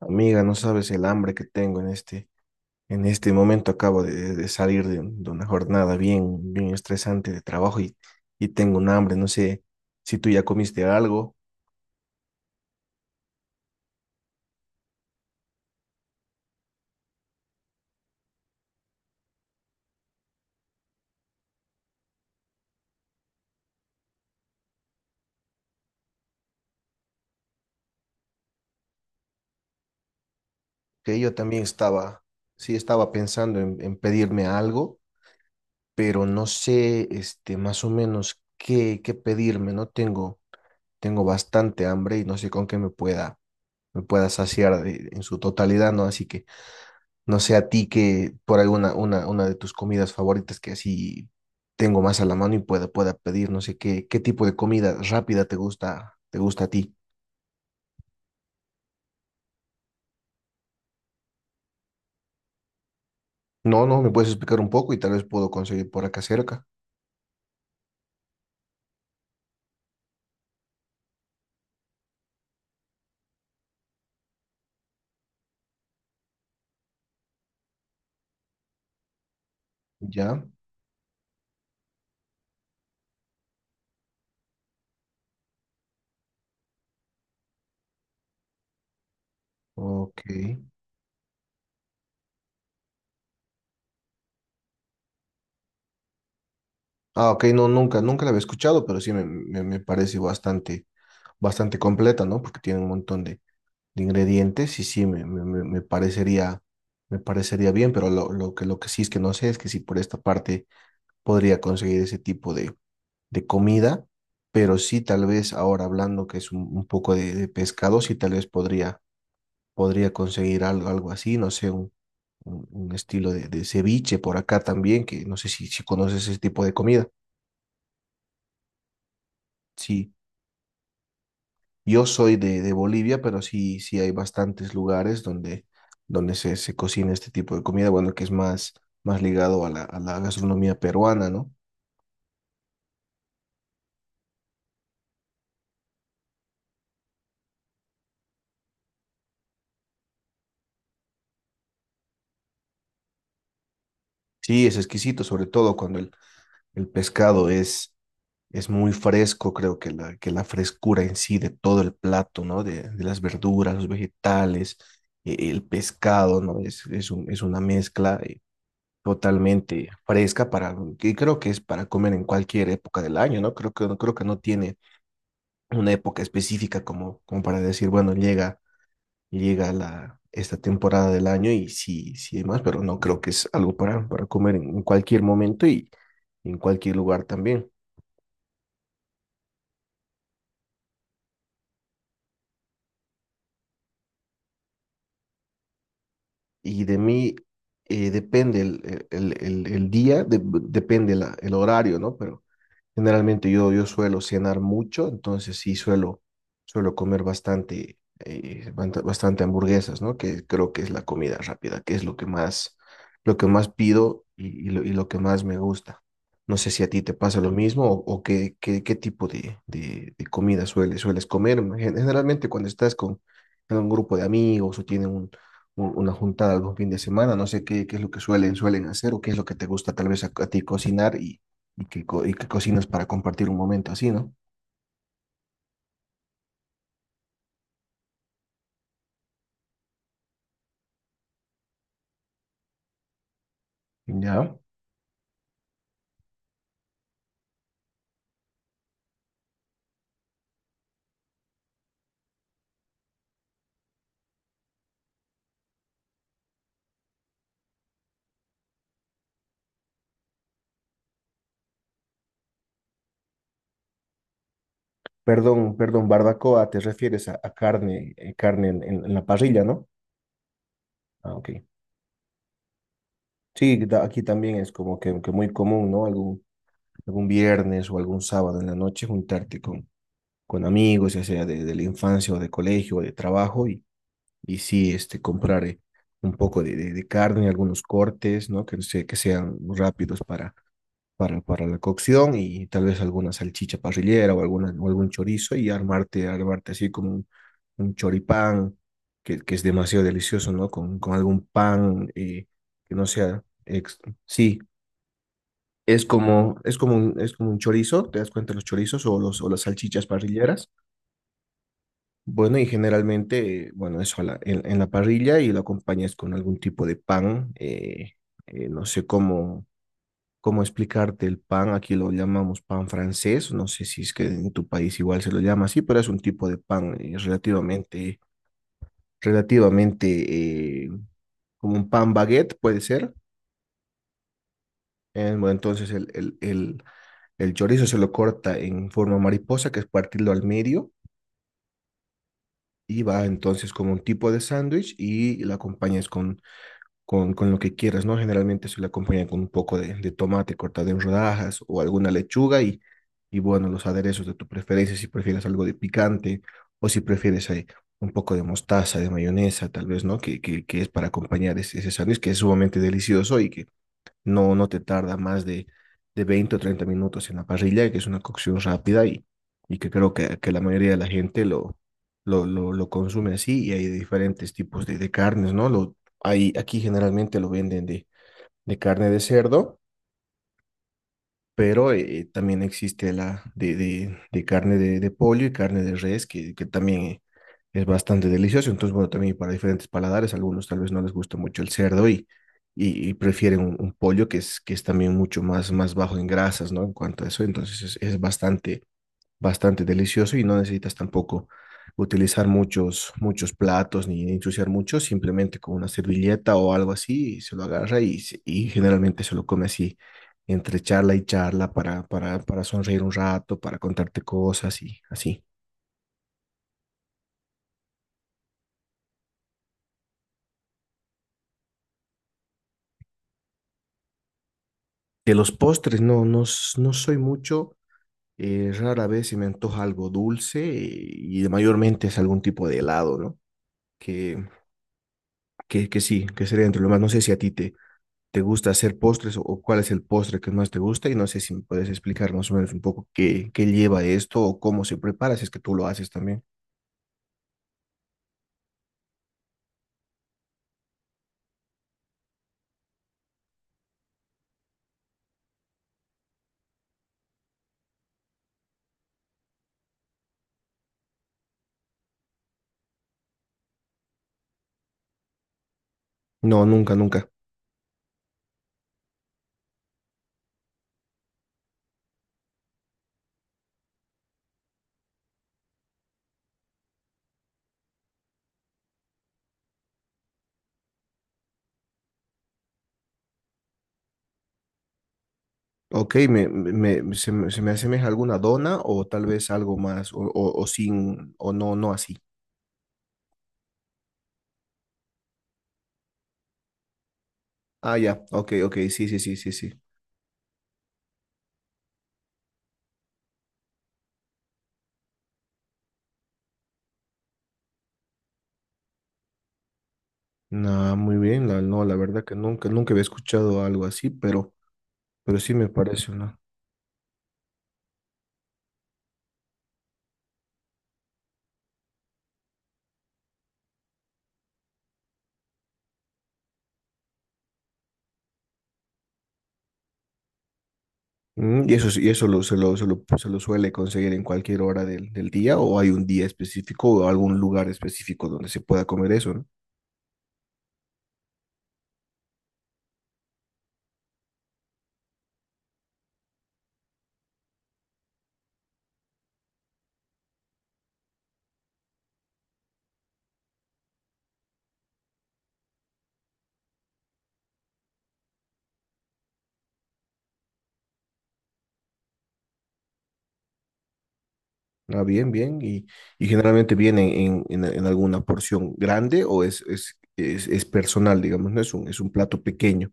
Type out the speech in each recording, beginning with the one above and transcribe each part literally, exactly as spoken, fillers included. Amiga, no sabes el hambre que tengo en este, en este momento. Acabo de, de salir de, de una jornada bien, bien estresante de trabajo y, y tengo un hambre. No sé si tú ya comiste algo, que yo también estaba, sí estaba pensando en, en pedirme algo, pero no sé, este, más o menos qué, qué pedirme. No tengo, tengo bastante hambre y no sé con qué me pueda, me pueda saciar de- en su totalidad, ¿no? Así que no sé a ti que por alguna una, una de tus comidas favoritas que así tengo más a la mano y pueda, pueda pedir, no sé qué, qué tipo de comida rápida te gusta, te gusta a ti. No, no, me puedes explicar un poco y tal vez puedo conseguir por acá cerca. Ya, ok. Ah, ok, no, nunca, nunca la había escuchado, pero sí me, me, me parece bastante, bastante completa, ¿no? Porque tiene un montón de, de ingredientes y sí, me, me, me me parecería, me parecería bien, pero lo, lo que, lo que sí es que no sé es que si por esta parte podría conseguir ese tipo de, de comida, pero sí tal vez ahora hablando que es un, un poco de, de pescado, sí tal vez podría, podría conseguir algo, algo así, no sé, un, un, un estilo de, de ceviche por acá también, que no sé si, si conoces ese tipo de comida. Sí, yo soy de, de Bolivia, pero sí, sí hay bastantes lugares donde, donde se, se cocina este tipo de comida, bueno, que es más, más ligado a la, a la gastronomía peruana, ¿no? Sí, es exquisito, sobre todo cuando el, el pescado es Es muy fresco, creo que la, que la frescura en sí de todo el plato, ¿no? De, de las verduras, los vegetales, eh, el pescado, ¿no? Es, es un- es una mezcla eh, totalmente fresca para, que creo que es para comer en cualquier época del año, ¿no? Creo que, creo que no tiene una época específica como, como para decir, bueno, llega, llega la, esta temporada del año y sí, sí, demás, pero no creo que es algo para, para comer en en cualquier momento y en cualquier lugar también. Y de mí eh, depende el, el- el- el- día, de- depende la- el horario, ¿no? Pero generalmente yo, yo suelo cenar mucho, entonces sí suelo, suelo comer bastante, eh, bant- bastante hamburguesas, ¿no? Que creo que es la comida rápida, que es lo que más, lo que más pido y, y lo, y lo que más me gusta. No sé si a ti te pasa lo mismo o, o qué, qué, qué tipo de, de, de comida sueles, sueles comer. Gen- Generalmente cuando estás con en un grupo de amigos o tienen un- un- una juntada algún fin de semana, no sé qué, qué es lo que suelen, suelen hacer o qué es lo que te gusta tal vez a a ti cocinar y y que, co- y que cocinas para compartir un momento así, ¿no? Ya. Perdón, perdón, barbacoa, te refieres a, a carne, eh, carne en, en- en la parrilla, ¿no? Ah, ok. Sí, da- aquí también es como que, que muy común, ¿no? Algún, algún viernes o algún sábado en la noche juntarte con, con amigos, ya sea de, de la infancia o de colegio o de trabajo, y, y sí, este, comprar eh, un poco de, de, de carne, algunos cortes, ¿no? Que, se- que sean rápidos para para, para la cocción y tal vez alguna salchicha parrillera o, alguna, o algún chorizo y armarte, armarte así como un, un choripán que, que es demasiado delicioso, ¿no? Con, con algún pan eh, que no sea... ex- sí, es como, es como un, es como un chorizo, ¿te das cuenta? Los chorizos o, los, o las salchichas parrilleras. Bueno, y generalmente, eh, bueno, eso a la- en, en la parrilla y lo acompañas con algún tipo de pan, eh, eh, no sé cómo cómo explicarte el pan, aquí lo llamamos pan francés, no sé si es que en tu país igual se lo llama así, pero es un tipo de pan eh, relativamente, relativamente eh, como un pan baguette, puede ser. Eh, bueno, entonces el, el, el, el chorizo se lo corta en forma mariposa, que es partirlo al medio, y va entonces como un tipo de sándwich y la acompañas con con, con lo que quieras, ¿no? Generalmente se le acompaña con un poco de, de tomate cortado en rodajas o alguna lechuga y, y bueno, los aderezos de tu preferencia, si prefieres algo de picante o si prefieres ahí un poco de mostaza, de mayonesa, tal vez, ¿no? Que, que, que es para acompañar ese, ese sándwich que es sumamente delicioso y que no, no te tarda más de, de veinte o treinta minutos en la parrilla, que es una cocción rápida y, y que creo que, que la mayoría de la gente lo, lo, lo, lo consume así y hay diferentes tipos de, de carnes, ¿no? Lo, hay, aquí generalmente lo venden de, de carne de cerdo, pero eh, también existe la de, de- de carne de, de pollo y carne de res, que, que también eh, es bastante delicioso. Entonces, bueno, también para diferentes paladares, algunos tal vez no les gusta mucho el cerdo y, y, y prefieren un, un pollo que es, que es también mucho más, más bajo en grasas, ¿no? En cuanto a eso, entonces es, es bastante bastante delicioso y no necesitas tampoco utilizar muchos, muchos platos ni ensuciar mucho, simplemente con una servilleta o algo así se lo agarra y, se- y generalmente se lo come así entre charla y charla para, para, para sonreír un rato, para contarte cosas y así. De los postres, no, no, s- no soy mucho. eh, rara vez se me antoja algo dulce eh, y mayormente es algún tipo de helado, ¿no? Que, que, que sí, que sería entre lo más. No sé si a ti te, te gusta hacer postres o, o cuál es el postre que más te gusta y no sé si me puedes explicar más o menos un poco qué, qué lleva esto o cómo se prepara, si es que tú lo haces también. No, nunca, nunca. Ok, me, me, me- se, me se me asemeja alguna dona o tal vez algo más o, o, o sin o no, no así. Ah, ya, ok, ok, sí, sí, sí, sí, sí. No, muy bien, la, no, la verdad que nunca, nunca había escuchado algo así, pero, pero sí me parece una... Mm, ¿y eso, sí- y eso lo, se lo, se lo, se lo suele conseguir en cualquier hora del, del día o hay un día específico o algún lugar específico donde se pueda comer eso, ¿no? Ah, bien, bien. ¿Y, y generalmente viene en, en, en alguna porción grande o es, es, es, es personal, digamos, ¿no? Es un, es un plato pequeño.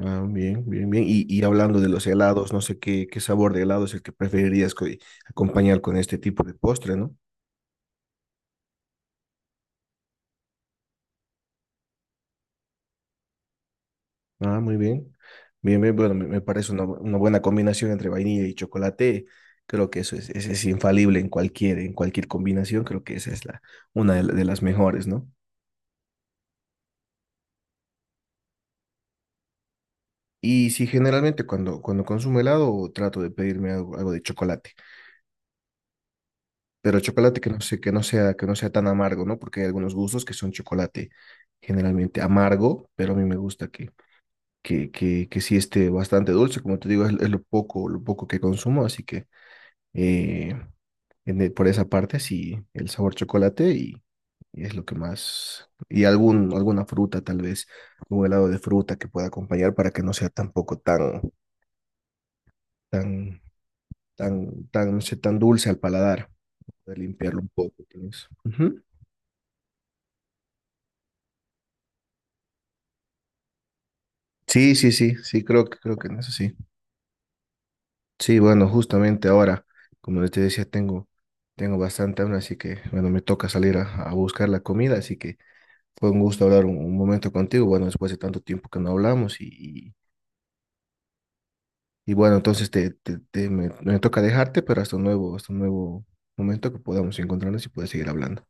Ah, bien, bien, bien. Y, y hablando de los helados, no sé qué, qué sabor de helado es el que preferirías co- acompañar con este tipo de postre, ¿no? Ah, muy bien. Bien, bien, bueno, me, me parece una, bu- una buena combinación entre vainilla y chocolate. Creo que eso es, es, es infalible en cualquier, en cualquier combinación. Creo que esa es la, una de, la- de las mejores, ¿no? Y sí, generalmente cuando, cuando consumo helado trato de pedirme algo, algo de chocolate, pero chocolate que no sé, que no sea, que no sea tan amargo, ¿no? Porque hay algunos gustos que son chocolate generalmente amargo, pero a mí me gusta que, que, que, que sí esté bastante dulce. Como te digo, es, es lo poco, lo poco que consumo, así que... eh, en e- por esa parte, sí, el sabor chocolate y, y es lo que más, y algún, alguna fruta tal vez, un helado de fruta que pueda acompañar para que no sea tampoco tan, tan, tan, tan, no sé, tan dulce al paladar, poder limpiarlo un poco. Tal vez. Ujú. Sí, sí, sí, sí, creo que, creo que en eso sí. Sí, bueno, justamente ahora, como te decía, tengo, tengo bastante hambre, así que, bueno, me toca salir a, a buscar la comida, así que fue un gusto hablar un, un momento contigo, bueno, después de tanto tiempo que no hablamos y, Y bueno, entonces te, te- te- me, me toca dejarte, pero hasta un nuevo, hasta un nuevo momento que podamos encontrarnos y puedes seguir hablando.